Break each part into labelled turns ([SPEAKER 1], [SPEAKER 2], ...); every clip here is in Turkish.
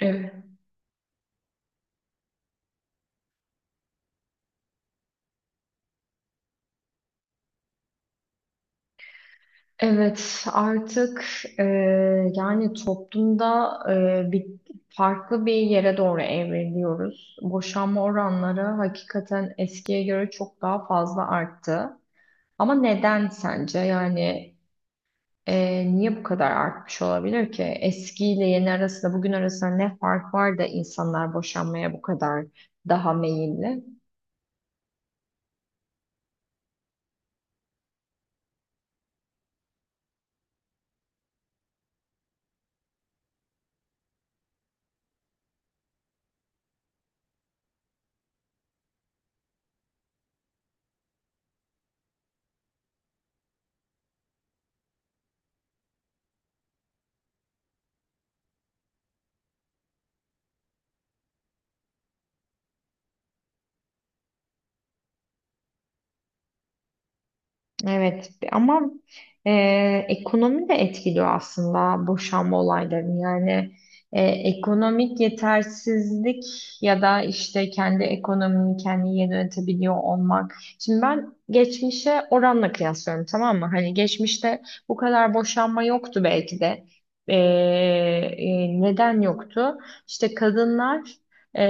[SPEAKER 1] Evet, evet artık e, yani toplumda e, bir farklı bir yere doğru evriliyoruz. Boşanma oranları hakikaten eskiye göre çok daha fazla arttı. Ama neden sence? Niye bu kadar artmış olabilir ki? Eskiyle yeni arasında, bugün arasında ne fark var da insanlar boşanmaya bu kadar daha meyilli? Evet ama e, ekonomi de etkiliyor aslında boşanma olaylarını. Yani ekonomik yetersizlik ya da işte kendi ekonomini kendi yönetebiliyor olmak. Şimdi ben geçmişe oranla kıyaslıyorum, tamam mı? Hani geçmişte bu kadar boşanma yoktu belki de. E, Neden yoktu? İşte kadınlar e,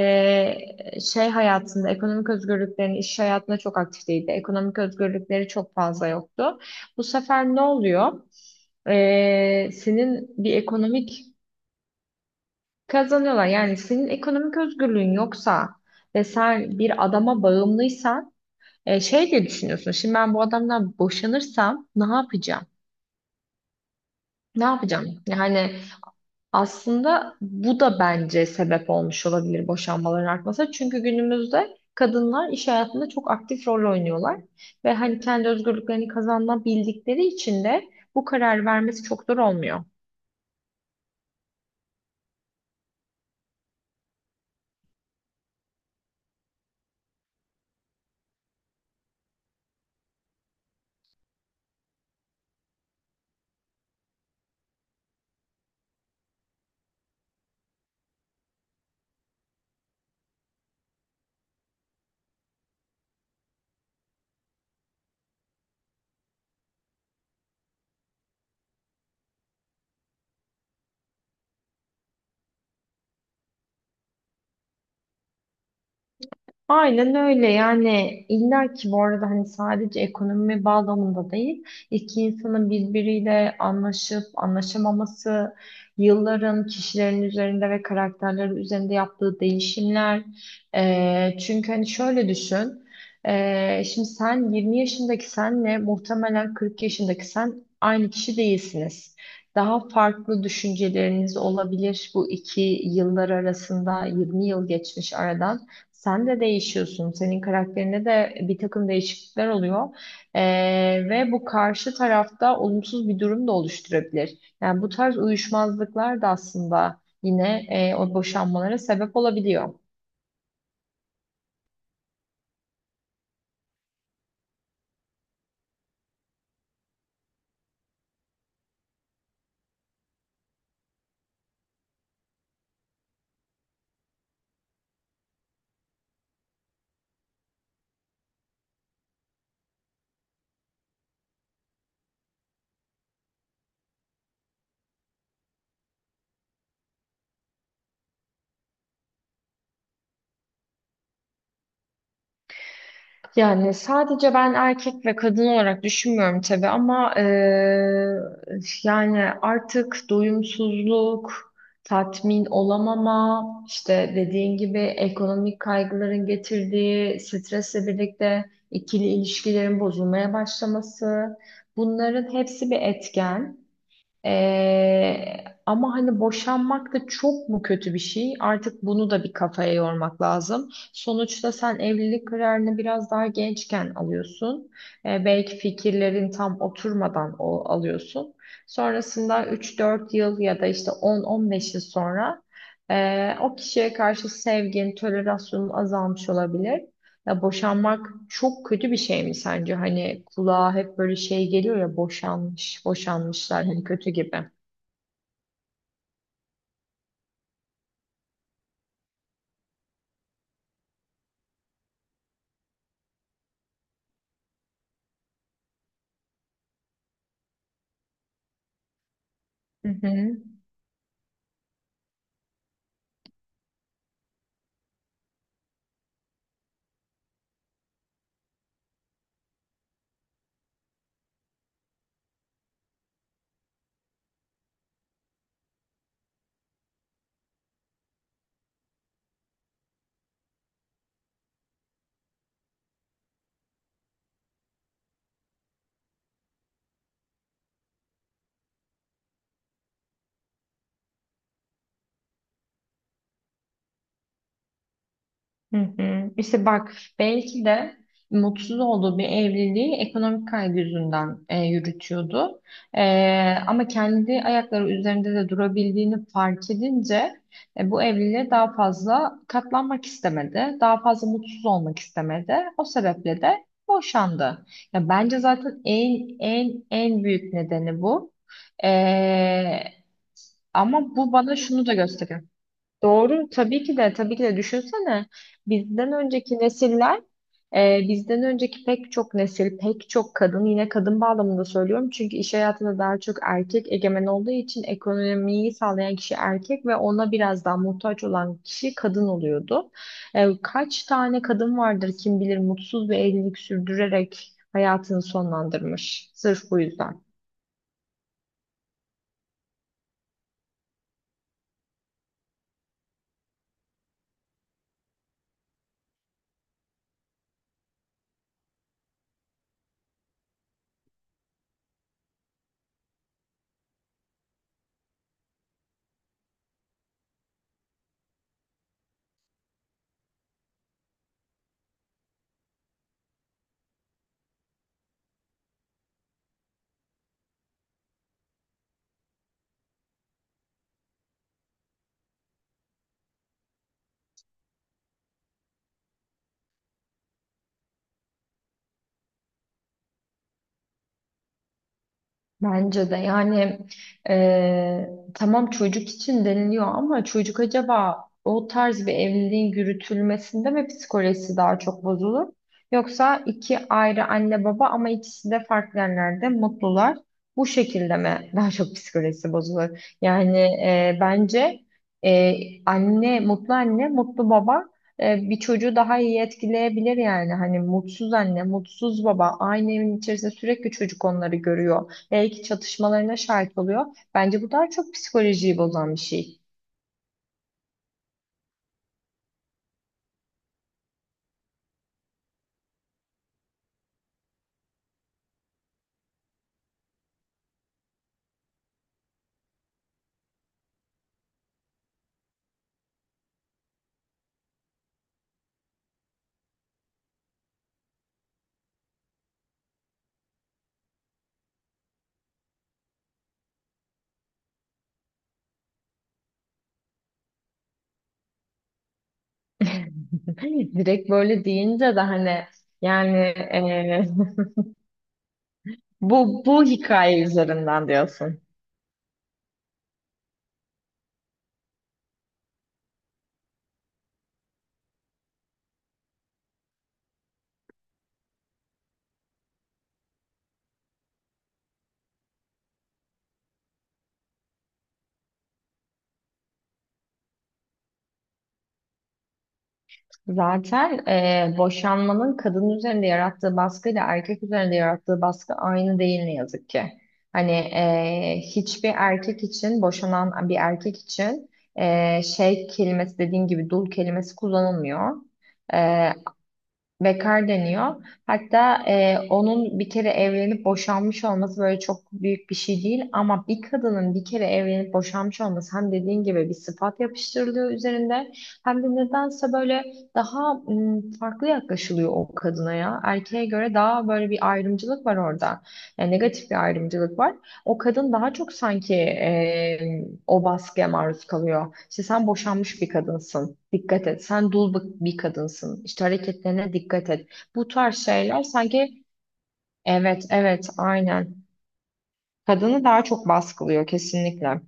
[SPEAKER 1] şey hayatında, ekonomik özgürlüklerin iş hayatında çok aktif değildi. Ekonomik özgürlükleri çok fazla yoktu. Bu sefer ne oluyor? Senin bir ekonomik kazanıyorlar. Yani senin ekonomik özgürlüğün yoksa ve sen bir adama bağımlıysan şey diye düşünüyorsun. Şimdi ben bu adamdan boşanırsam ne yapacağım? Ne yapacağım? Yani aslında bu da bence sebep olmuş olabilir boşanmaların artmasına. Çünkü günümüzde kadınlar iş hayatında çok aktif rol oynuyorlar. Ve hani kendi özgürlüklerini kazanabildikleri için de bu karar vermesi çok zor olmuyor. Aynen öyle. Yani illa ki bu arada hani sadece ekonomi bağlamında değil, iki insanın birbiriyle anlaşıp anlaşamaması, yılların kişilerin üzerinde ve karakterleri üzerinde yaptığı değişimler. Çünkü hani şöyle düşün, şimdi sen 20 yaşındaki senle muhtemelen 40 yaşındaki sen aynı kişi değilsiniz. Daha farklı düşünceleriniz olabilir. Bu iki yıllar arasında 20 yıl geçmiş aradan. Sen de değişiyorsun. Senin karakterinde de bir takım değişiklikler oluyor. Ee, Ve bu karşı tarafta olumsuz bir durum da oluşturabilir. Yani bu tarz uyuşmazlıklar da aslında yine o boşanmalara sebep olabiliyor. Yani sadece ben erkek ve kadın olarak düşünmüyorum tabii, ama yani artık doyumsuzluk, tatmin olamama, işte dediğin gibi ekonomik kaygıların getirdiği stresle birlikte ikili ilişkilerin bozulmaya başlaması, bunların hepsi bir etken. Ee, Ama hani boşanmak da çok mu kötü bir şey? Artık bunu da bir kafaya yormak lazım. Sonuçta sen evlilik kararını biraz daha gençken alıyorsun. Belki fikirlerin tam oturmadan alıyorsun. Sonrasında üç dört yıl ya da işte on on beş yıl sonra o kişiye karşı sevgin, tolerasyonun azalmış olabilir. Ya boşanmak çok kötü bir şey mi sence? Hani kulağa hep böyle şey geliyor ya, boşanmış, boşanmışlar hani kötü gibi. Hı hı. Hı hı. İşte bak, belki de mutsuz olduğu bir evliliği ekonomik kaygı yüzünden yürütüyordu. E, Ama kendi ayakları üzerinde de durabildiğini fark edince bu evliliğe daha fazla katlanmak istemedi. Daha fazla mutsuz olmak istemedi. O sebeple de boşandı. Ya bence zaten en büyük nedeni bu. E, Ama bu bana şunu da gösteriyor. Doğru, tabii ki de tabii ki de. Düşünsene, bizden önceki nesiller, bizden önceki pek çok nesil, pek çok kadın, yine kadın bağlamında söylüyorum çünkü iş hayatında daha çok erkek egemen olduğu için ekonomiyi sağlayan kişi erkek ve ona biraz daha muhtaç olan kişi kadın oluyordu. Kaç tane kadın vardır kim bilir, mutsuz bir evlilik sürdürerek hayatını sonlandırmış sırf bu yüzden. Bence de. Yani tamam, çocuk için deniliyor, ama çocuk acaba o tarz bir evliliğin yürütülmesinde mi psikolojisi daha çok bozulur? Yoksa iki ayrı anne baba ama ikisi de farklı yerlerde mutlular. Bu şekilde mi daha çok psikolojisi bozulur? Yani bence anne mutlu, anne mutlu, baba bir çocuğu daha iyi etkileyebilir yani. Hani mutsuz anne, mutsuz baba aynı evin içerisinde, sürekli çocuk onları görüyor, belki çatışmalarına şahit oluyor. Bence bu daha çok psikolojiyi bozan bir şey. Direkt böyle deyince de hani, yani eee, bu hikaye üzerinden diyorsun. Zaten boşanmanın kadın üzerinde yarattığı baskıyla erkek üzerinde yarattığı baskı aynı değil, ne yazık ki. Hani hiçbir erkek için, boşanan bir erkek için şey kelimesi, dediğin gibi dul kelimesi kullanılmıyor. Eee, Bekar deniyor. Hatta onun bir kere evlenip boşanmış olması böyle çok büyük bir şey değil. Ama bir kadının bir kere evlenip boşanmış olması, hem dediğin gibi bir sıfat yapıştırılıyor üzerinde, hem de nedense böyle daha farklı yaklaşılıyor o kadına ya. Erkeğe göre daha böyle bir ayrımcılık var orada. Yani negatif bir ayrımcılık var. O kadın daha çok sanki o baskıya maruz kalıyor. İşte sen boşanmış bir kadınsın. Dikkat et. Sen dul bir kadınsın. İşte hareketlerine dikkat et. Bu tarz şeyler sanki. Evet, evet, aynen. Kadını daha çok baskılıyor kesinlikle.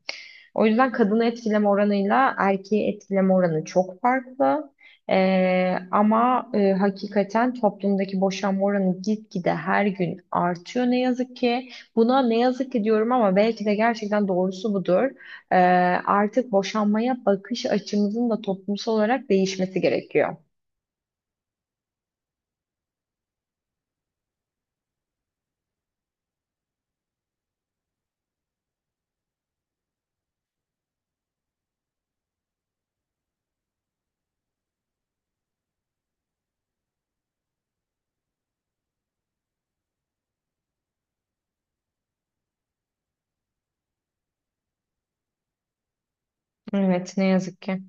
[SPEAKER 1] O yüzden kadını etkileme oranıyla erkeği etkileme oranı çok farklı. Ama hakikaten toplumdaki boşanma oranı gitgide her gün artıyor, ne yazık ki. Buna ne yazık ki diyorum ama belki de gerçekten doğrusu budur. Ee, Artık boşanmaya bakış açımızın da toplumsal olarak değişmesi gerekiyor. Evet, ne yazık ki.